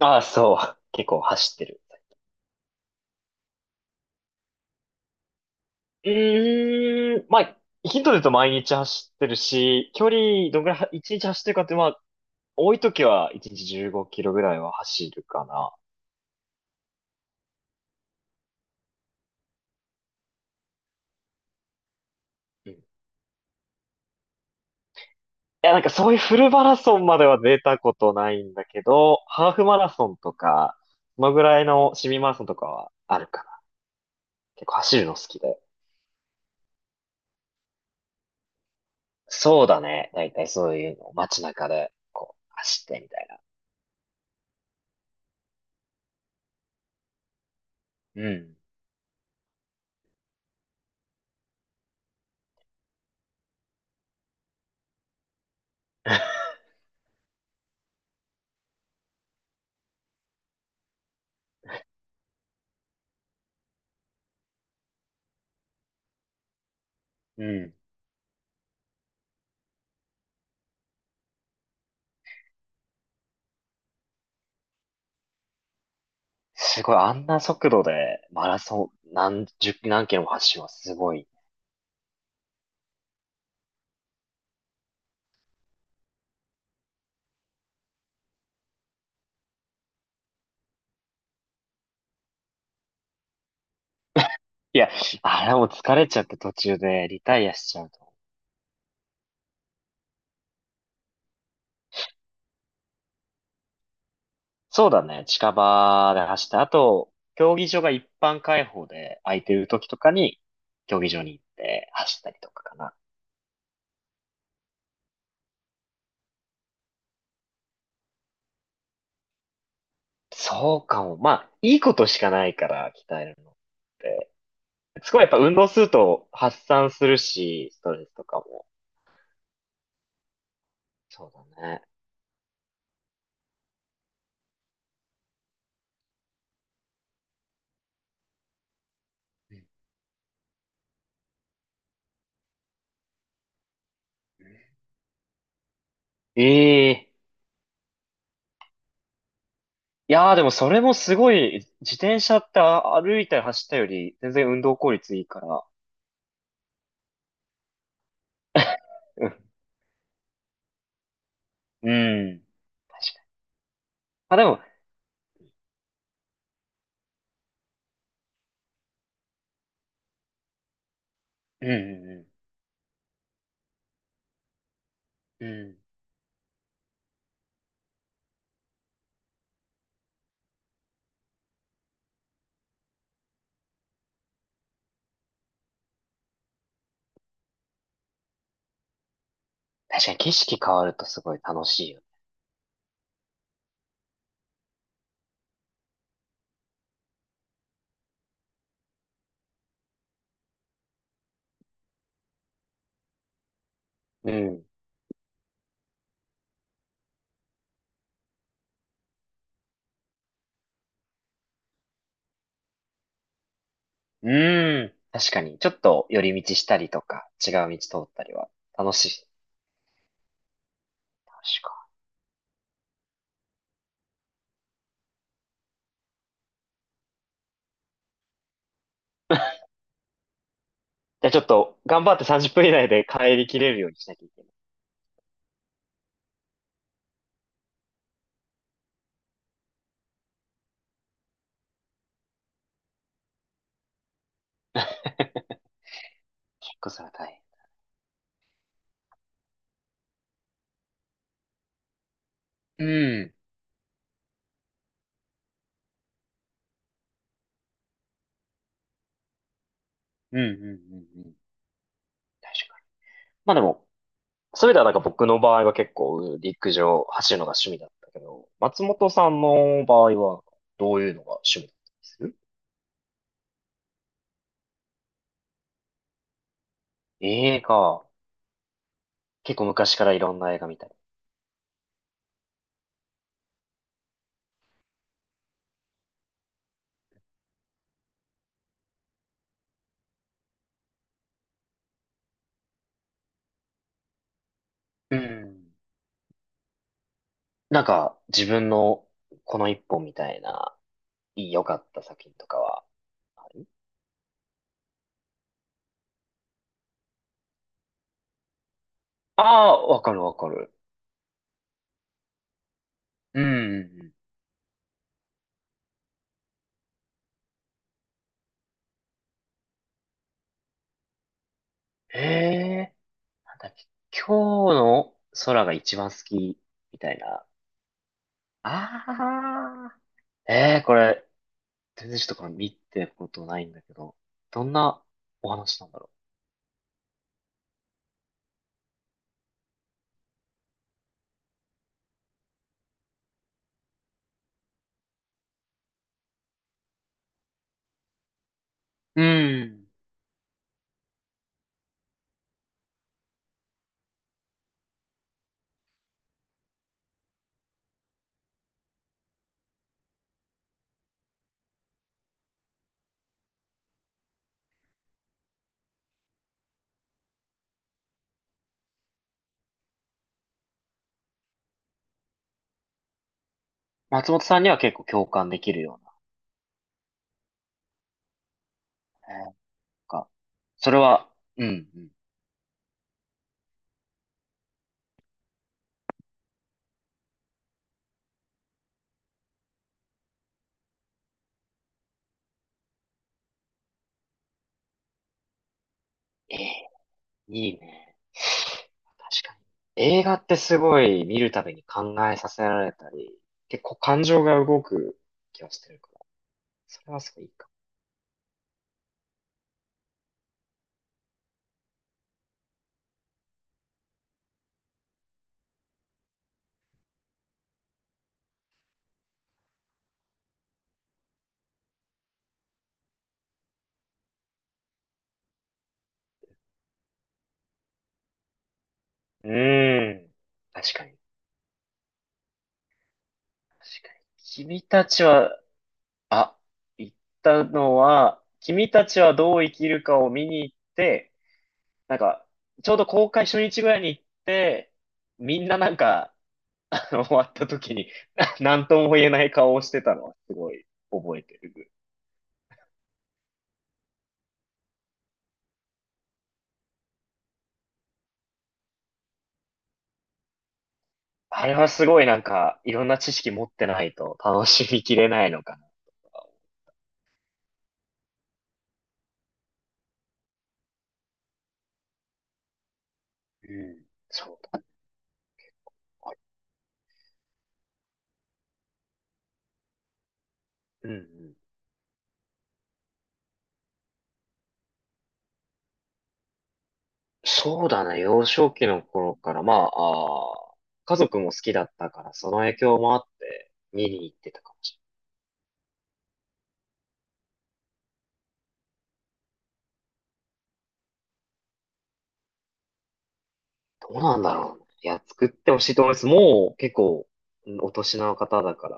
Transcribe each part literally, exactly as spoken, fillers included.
ああ、そう。結構走ってる。うーん。まあ、ヒントで言うと毎日走ってるし、距離どんぐらいは、いちにち走ってるかって、まあ、多い時はいちにちじゅうごキロぐらいは走るかな。うん。いや、なんかそういうフルマラソンまでは出たことないんだけど、ハーフマラソンとか、そのぐらいの市民マラソンとかはあるかな。結構走るの好きで。そうだね。だいたいそういうのを街中で、こう、走ってみたいな。うん。うん。すごい、あんな速度でマラソン何十、何キロも走るのはすごい。いや、あれもう疲れちゃって途中でリタイアしちゃうと。そうだね、近場で走って、あと、競技場が一般開放で空いてる時とかに、競技場に行って走ったりとかかな。そうかも。まあ、いいことしかないから、鍛えるのって。すごいやっぱ運動すると発散するし、ストレスとかも。そうだね。うん。ええ。いやーでもそれもすごい、自転車ってあ歩いたり走ったより全然運動効率いいから。うん。うん。確かに。まあ、でも、うんうんうん。うん。確かに景色変わるとすごい楽しいよね。うん。うん。確かに。ちょっと寄り道したりとか、違う道通ったりは楽しい。楽しいか。じゃあちょっと頑張ってさんじゅっぷん以内で帰りきれるようにしなきゃいけない。結構それは大変。うん。うんうんうんうん。確かに。まあでも、そういう意味ではなんか僕の場合は結構陸上走るのが趣味だったけど、松本さんの場合はどういうのが趣味だったりする？映画、結構昔からいろんな映画見たり。うん。なんか自分のこの一本みたいないい良かった作品とかはある？ああー、わかるわかる。うん。へえ、なんだっけ、今日の空が一番好きみたいな。ああ、ええ、これ全然ちょっとの見てことないんだけど、どんなお話なんだろう。うん。松本さんには結構共感できるような。えーなんか、それは、うん、うん。ええ。いいね。確かに。映画ってすごい見るたびに考えさせられたり、結構感情が動く気がしてるから、それはすごいいいかも。うーん。確かに、確かに。君たちは、あ、言ったのは、君たちはどう生きるかを見に行って、なんか、ちょうど公開初日ぐらいに行って、みんななんか、あの、終わった時に、ななんとも言えない顔をしてたのはすごい覚えてる。あれはすごいなんか、いろんな知識持ってないと楽しみきれないのかな。うん、そうだ。うんうん。そうだね、幼少期の頃から、まあ、あー家族も好きだったから、その影響もあって、見に行ってたかもしれない。どうなんだろうね。いや、作ってほしいと思います。もう結構、うん、お年の方だから、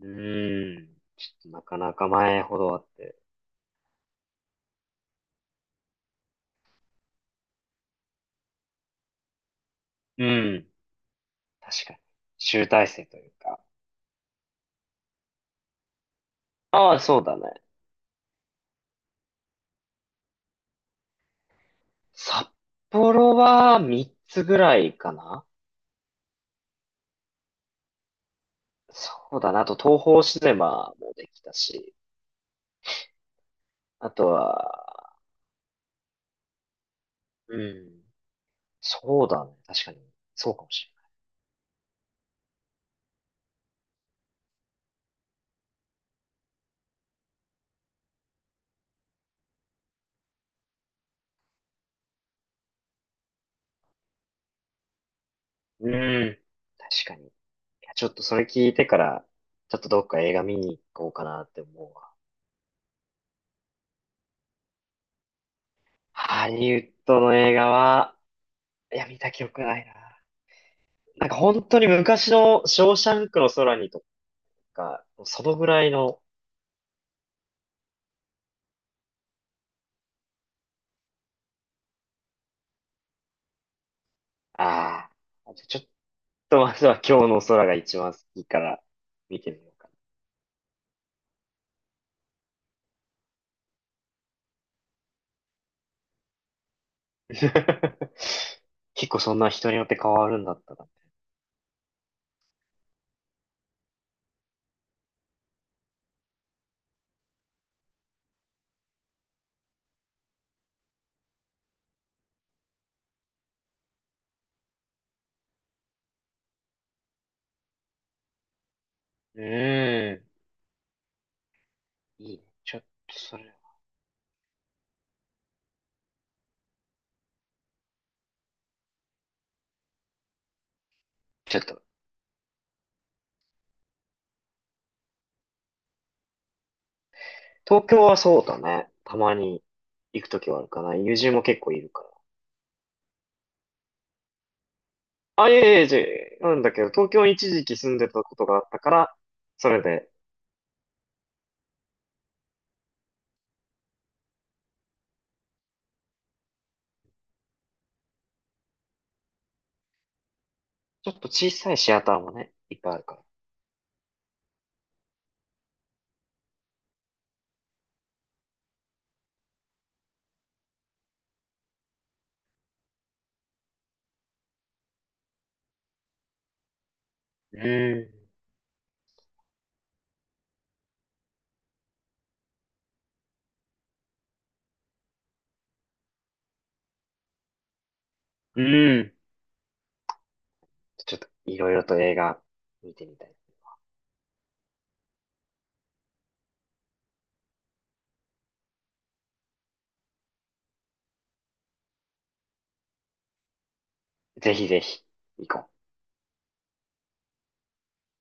うん。ちょっとなかなか前ほどあって。うん。確かに。集大成というか。ああ、そうだね。札幌はみっつぐらいかな。そうだな。あと東宝シネマもできたし。あとは、うん。そうだね。確かに。そうかもしれない。うん。確かに。いや、ちょっとそれ聞いてから、ちょっとどっか映画見に行こうかなって思うわ。ハリウッドの映画は、いや、見た記憶ないな。なんか本当に昔のショーシャンクの空にとか、そのぐらいの、ああ、ちょっとまずは今日の空が一番好きから見てみようかな。結構そんな人によって変わるんだったら。うーん。いいね。ちょっとそれは。ちょっと、東京はそうだね。たまに行くときはあるかな。友人も結構いるから。あ、いえいえ、じゃなんだけど、東京に一時期住んでたことがあったから、それで、ちょっと小さいシアターもね、いっぱいあるから。うん。うん。ちょっといろいろと映画見てみたい。ぜひぜひ、行こう。